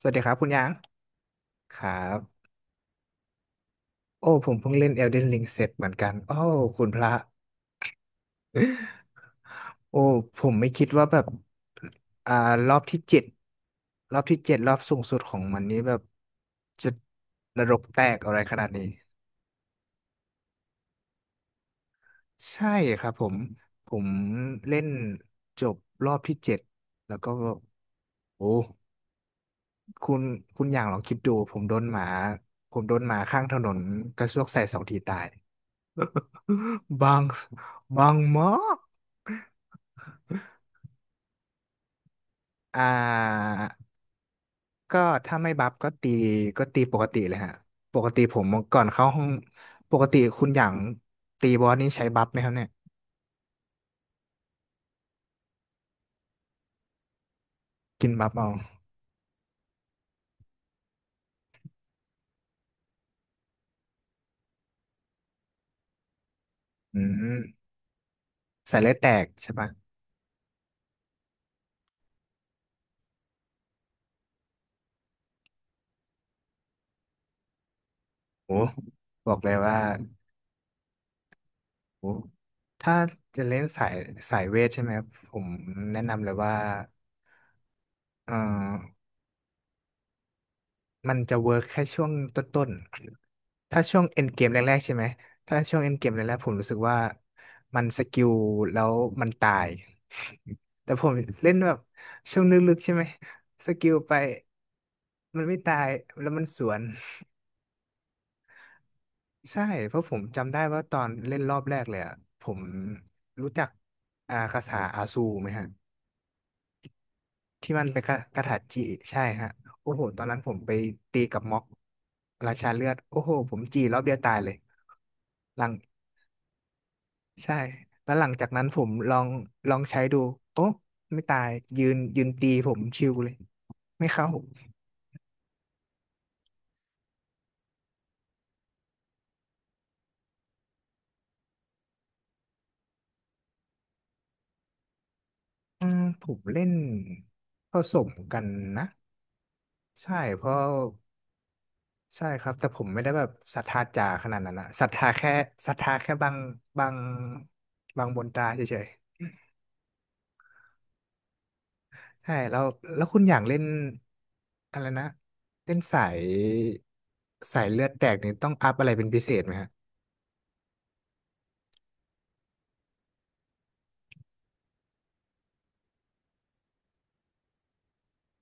สวัสดีครับคุณยางครับโอ้ผมเพิ่งเล่น Elden Ring เสร็จเหมือนกัน โอ้คุณพระ โอ้ผมไม่คิดว่าแบบอ่ารอบที่เจ็ดรอบสูงสุดของมันนี้แบบจะระรกแตกอะไรขนาดนี้ ใช่ครับผม ผมเล่นจบรอบที่เจ็ดแล้วก็ โอ้คุณคุณอย่างลองคิดดู ผมโดนหมาข้างถนนกระซวกใส่สองทีตาย บางบางมาก อ่าก็ถ้าไม่บัฟก็ตีปกติเลยฮะปกติผมก่อนเข้าห้องปกติคุณอย่างตีบอสนี่ใช้บัฟไหมครับเนี่ยกินบัฟเอาอืมสายเลือดแตกใช่ปะโอ้บอกเลยว่าโอ้ถ้าจะเล่นสายเวทใช่ไหมครับผมแนะนำเลยว่าเอ่อ มันจะเวิร์กแค่ช่วงต้นๆถ้าช่วงเอ็นเกมแรกๆใช่ไหมถ้าช่วงเอ็นเกมแรกๆผมรู้สึกว่ามันสกิลแล้วมันตาย แต่ผมเล่นแบบช่วงลึกๆใช่ไหมสกิลไปมันไม่ตายแล้วมันสวน ใช่ เพราะผมจำได้ว่าตอนเล่นรอบแรกเลยอะผมรู้จักคาถาอาซูไหมฮะที่มันเป็นคาถาจิใช่ฮะโอ้โหตอนนั้นผมไปตีกับม็อกราชาเลือดโอ้โหผมจีรอบเดียวตายเลย หลังใช่แล้วหลังจากนั้นผมลองลองใช้ดูโอ้ไม่ตายยืนตีผมชิวเลยไม่เข้าอืมผมเล่นผสมกันนะใช่เพราะใช่ครับแต่ผมไม่ได้แบบศรัทธาจ๋าขนาดนั้นนะศรัทธาแค่ศรัทธาแค่บางบางบางบนตราเฉยๆใช่แล้วแล้วคุณอย่างเล่นอะไรนะเล่นสายเลือดแตกนี่ต้องอัพอะไรเป็นพิเศษไหมฮะ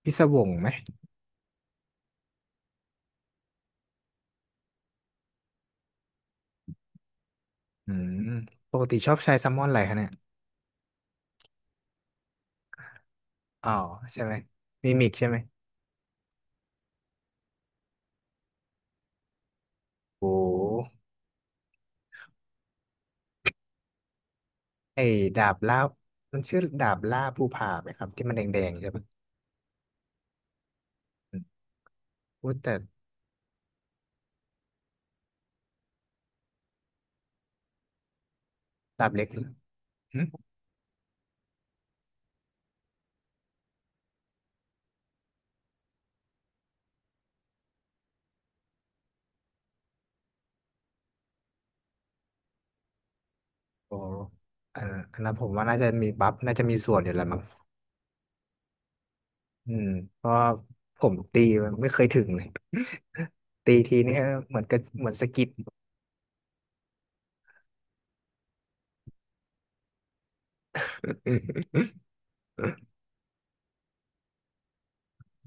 พิศวงไหม อืมปกติชอบใช้แซลมอนอะไรคะเนี่ยอ๋อใช่ไหมมีมิกใช่ไหมโอ้ไอ้ดาบล่ามันชื่อดาบล่าภูผาไหมครับที่มันแดงๆใช่ปะอืมพูดแต่ดาบเล็กอืมโอ้อันอันนั้นผมว่าน่าจะมีบัฟน่าจะมีส่วนอยู่แหล้วมั้งอืมเพราะผมตีมันไม่เคยถึงเลย ตีทีนี่เหมือนกับเหมือนสะกิด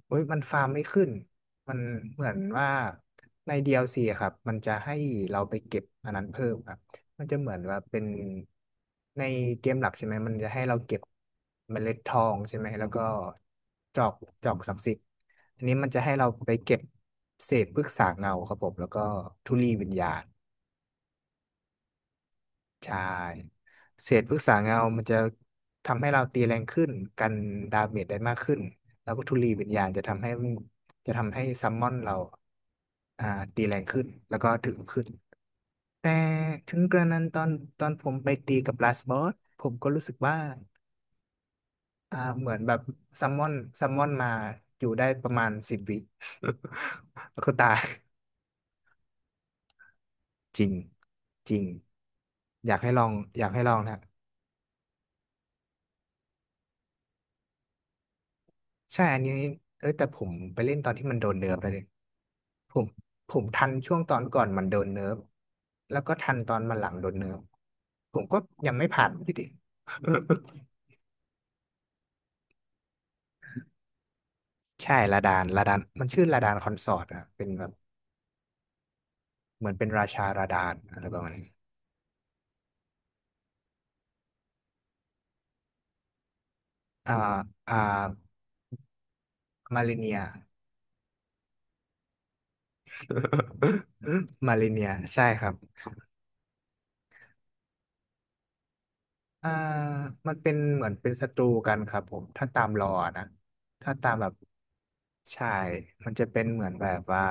เอ้ยมันฟาร์มไม่ขึ้นมันเหมือนว่าใน DLC อลซีอะครับมันจะให้เราไปเก็บอันนั้นเพิ่มครับมันจะเหมือนว่าเป็นในเกมหลักใช่ไหม มันจะให้เราเก็บเมล็ดทองใช่ไหมแล้วก็จอกจอกศักดิ์สิทธิ์อันนี้มันจะให้เราไปเก็บเศษพฤกษาเงาครับผมแล้วก็ธุลีวิญญาณ ใช่เศษพฤกษาเงามันจะทำให้เราตีแรงขึ้นกันดาเมจได้มากขึ้นแล้วก็ธุลีวิญญาณจะทำให้จะทำให้ซัมมอนเราอ่าตีแรงขึ้นแล้วก็ถึงขึ้นแต่ถึงกระนั้นตอนผมไปตีกับลาสบอสผมก็รู้สึกว่าเหมือนแบบซัมมอนซัมมอนมาอยู่ได้ประมาณสิบวิ แล้วก็ตายจริงจริงอยากให้ลองอยากให้ลองนะ ใช่ อันนี้เออแต่ผมไปเล่นตอนที่มันโดนเนิร์ฟเลยผมผมทันช่วงตอนก่อนมันโดนเนิร์ฟแล้วก็ทันตอนมันหลังโดนเนิร์ฟผมก็ยังไม่ผ่านพี่ดิ ใช่ลาดานมันชื่อลาดานคอนสอร์ตอะเป็นแบบเหมือนเป็นราชาลาดานอะไรประมาณนี้อ่าอ่ามาเลเนีย มาเลเนีย ใช่ครับอ่ามันเป็นเหมือนเป็นศัตรูกันครับผม ถ้าตามลอนะ ถ้าตามแบบ ใช่ มันจะเป็นเหมือนแบบว่า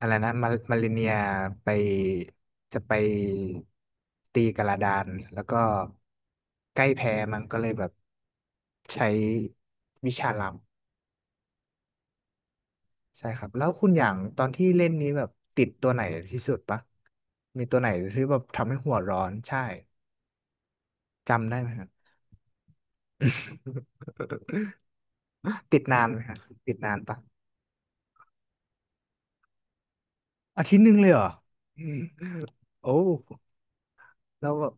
อะไรนะมามาริเนียไปจะไปตีกระดานแล้วก็ใกล้แพ้มันก็เลยแบบใช้วิชาลับใช่ครับแล้วคุณอย่างตอนที่เล่นนี้แบบติดตัวไหนที่สุดปะมีตัวไหนที่แบบทำให้หัวร้อนใช่จำได้ไหมครับ ติดนานไหมครับติดนานปะอาทิตย์หนึ่งเลยเหรออืมโอ้แล้วแบบ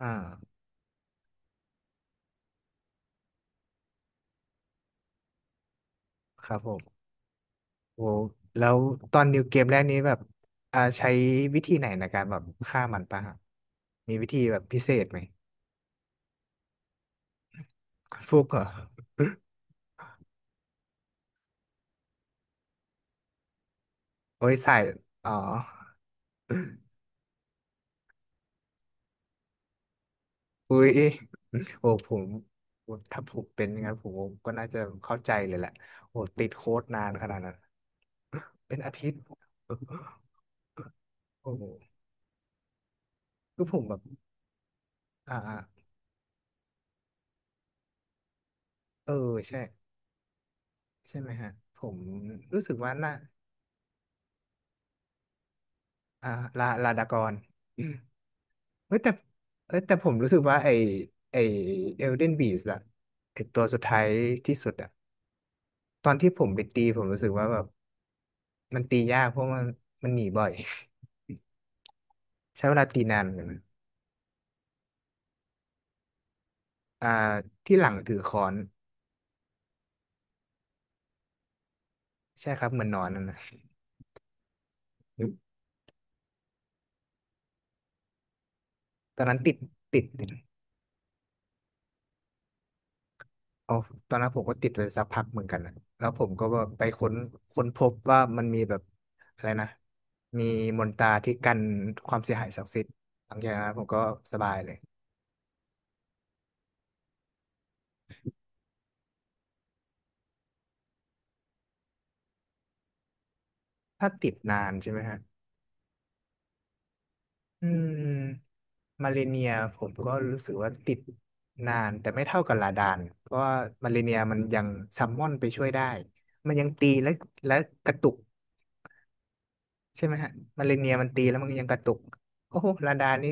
อ่าครับผม โอ้แล้วตอนนิวเกมแรกนี้แบบใช้วิธีไหนในการแบบฆ่ามันปะฮะมีวิธีแบบพิเศษไหมฟุกเหรอโอ้ยใส่อ๋ออุ้ยโอ้ผมถ้าผมเป็นอย่างนั้นผมก็น่าจะเข้าใจเลยแหละโอ้ติดโค้ดนานขนาดนั้นเป็นอาทิตย์โอ้โหคือผมแบบอ่าอ่าเออใช่ใช่ไหมฮะผมรู้สึกว่าน่าอ่าลาดากร เอ้ยแต่ผมรู้สึกว่าไอเอลเดนบีสอะไอตัวสุดท้ายที่สุดอะตอนที่ผมไปตีผมรู้สึกว่าแบบมันตียากเพราะมันหนีบ่อย ใช้เวลาตีนานเหมือนกันนะอ่าที่หลังถือค้อนใช่ครับเหมือนนอนนั่นนะ ตอนนั้นติดติดเอาตอนนั้นผมก็ติดไปสักพักเหมือนกันนะแล้วผมก็ว่าไปค้นพบว่ามันมีแบบอะไรนะมีมนตราที่กันความเสียหายศักดิ์สิทธิ์หลังจากนั้นผมก็สบายเลย ถ้าติดนานใช่ไหมฮะอืมมาเลเนียผมก็รู้สึกว่าติดนานแต่ไม่เท่ากับลาดานเพราะว่ามาเลเนียมันยังซัมมอนไปช่วยได้มันยังตีและและกระตุกใช่ไหมฮะมาเลเนียมันตีแล้วมันยังกระตุกโอ้โหลาดานนี่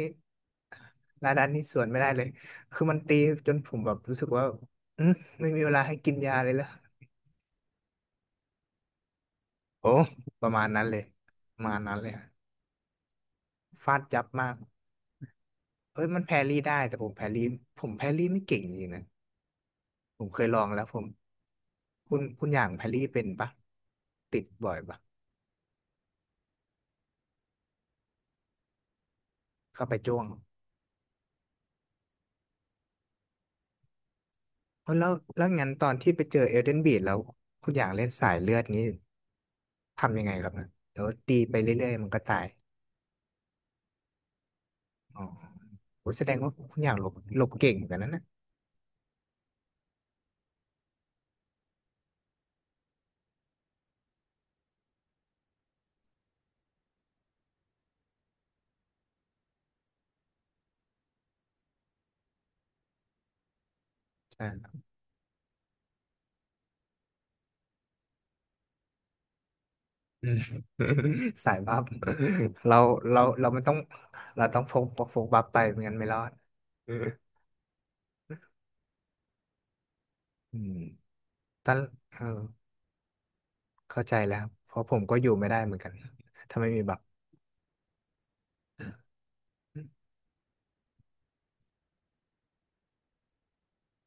ลาดานนี่สวนไม่ได้เลยคือมันตีจนผมแบบรู้สึกว่าอืมไม่มีเวลาให้กินยาเลยเหรอโอ้ประมาณนั้นเลยประมาณนั้นเลยฮะฟาดยับมาก เอ้ยมันแพรรี่ได้แต่ผมแพรรี่ผมแพรรี่ไม่เก่งจริงๆนะผมเคยลองแล้วผมคุณอย่างแพรรี่เป็นปะติดบ่อยปะเข้าไปจ้วงเอ้ยแล้วงั้นตอนที่ไปเจอเอลเดนบีดแล้วคุณอย่างเล่นสายเลือดนี้ทำยังไงครับนะเดี๋ยวตีไปเรื่อยๆมันก็ตายอ๋อโหแสดงว่าคุณอย่างหลบหลบเก่งเหมือนกันนะใช่ ครับอืม สายบัฟเราเราไม่ต้องเราต้องพกบัฟไปไม่งั้นไม่รอดอืมตอนเออ เข้าใจแล้วครับเพราะผมก็อยู่ไม่ได้เหมือนกันถ้าไม่มีบัตร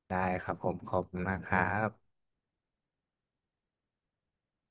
ได้ครับผมขอบคุณมากครับ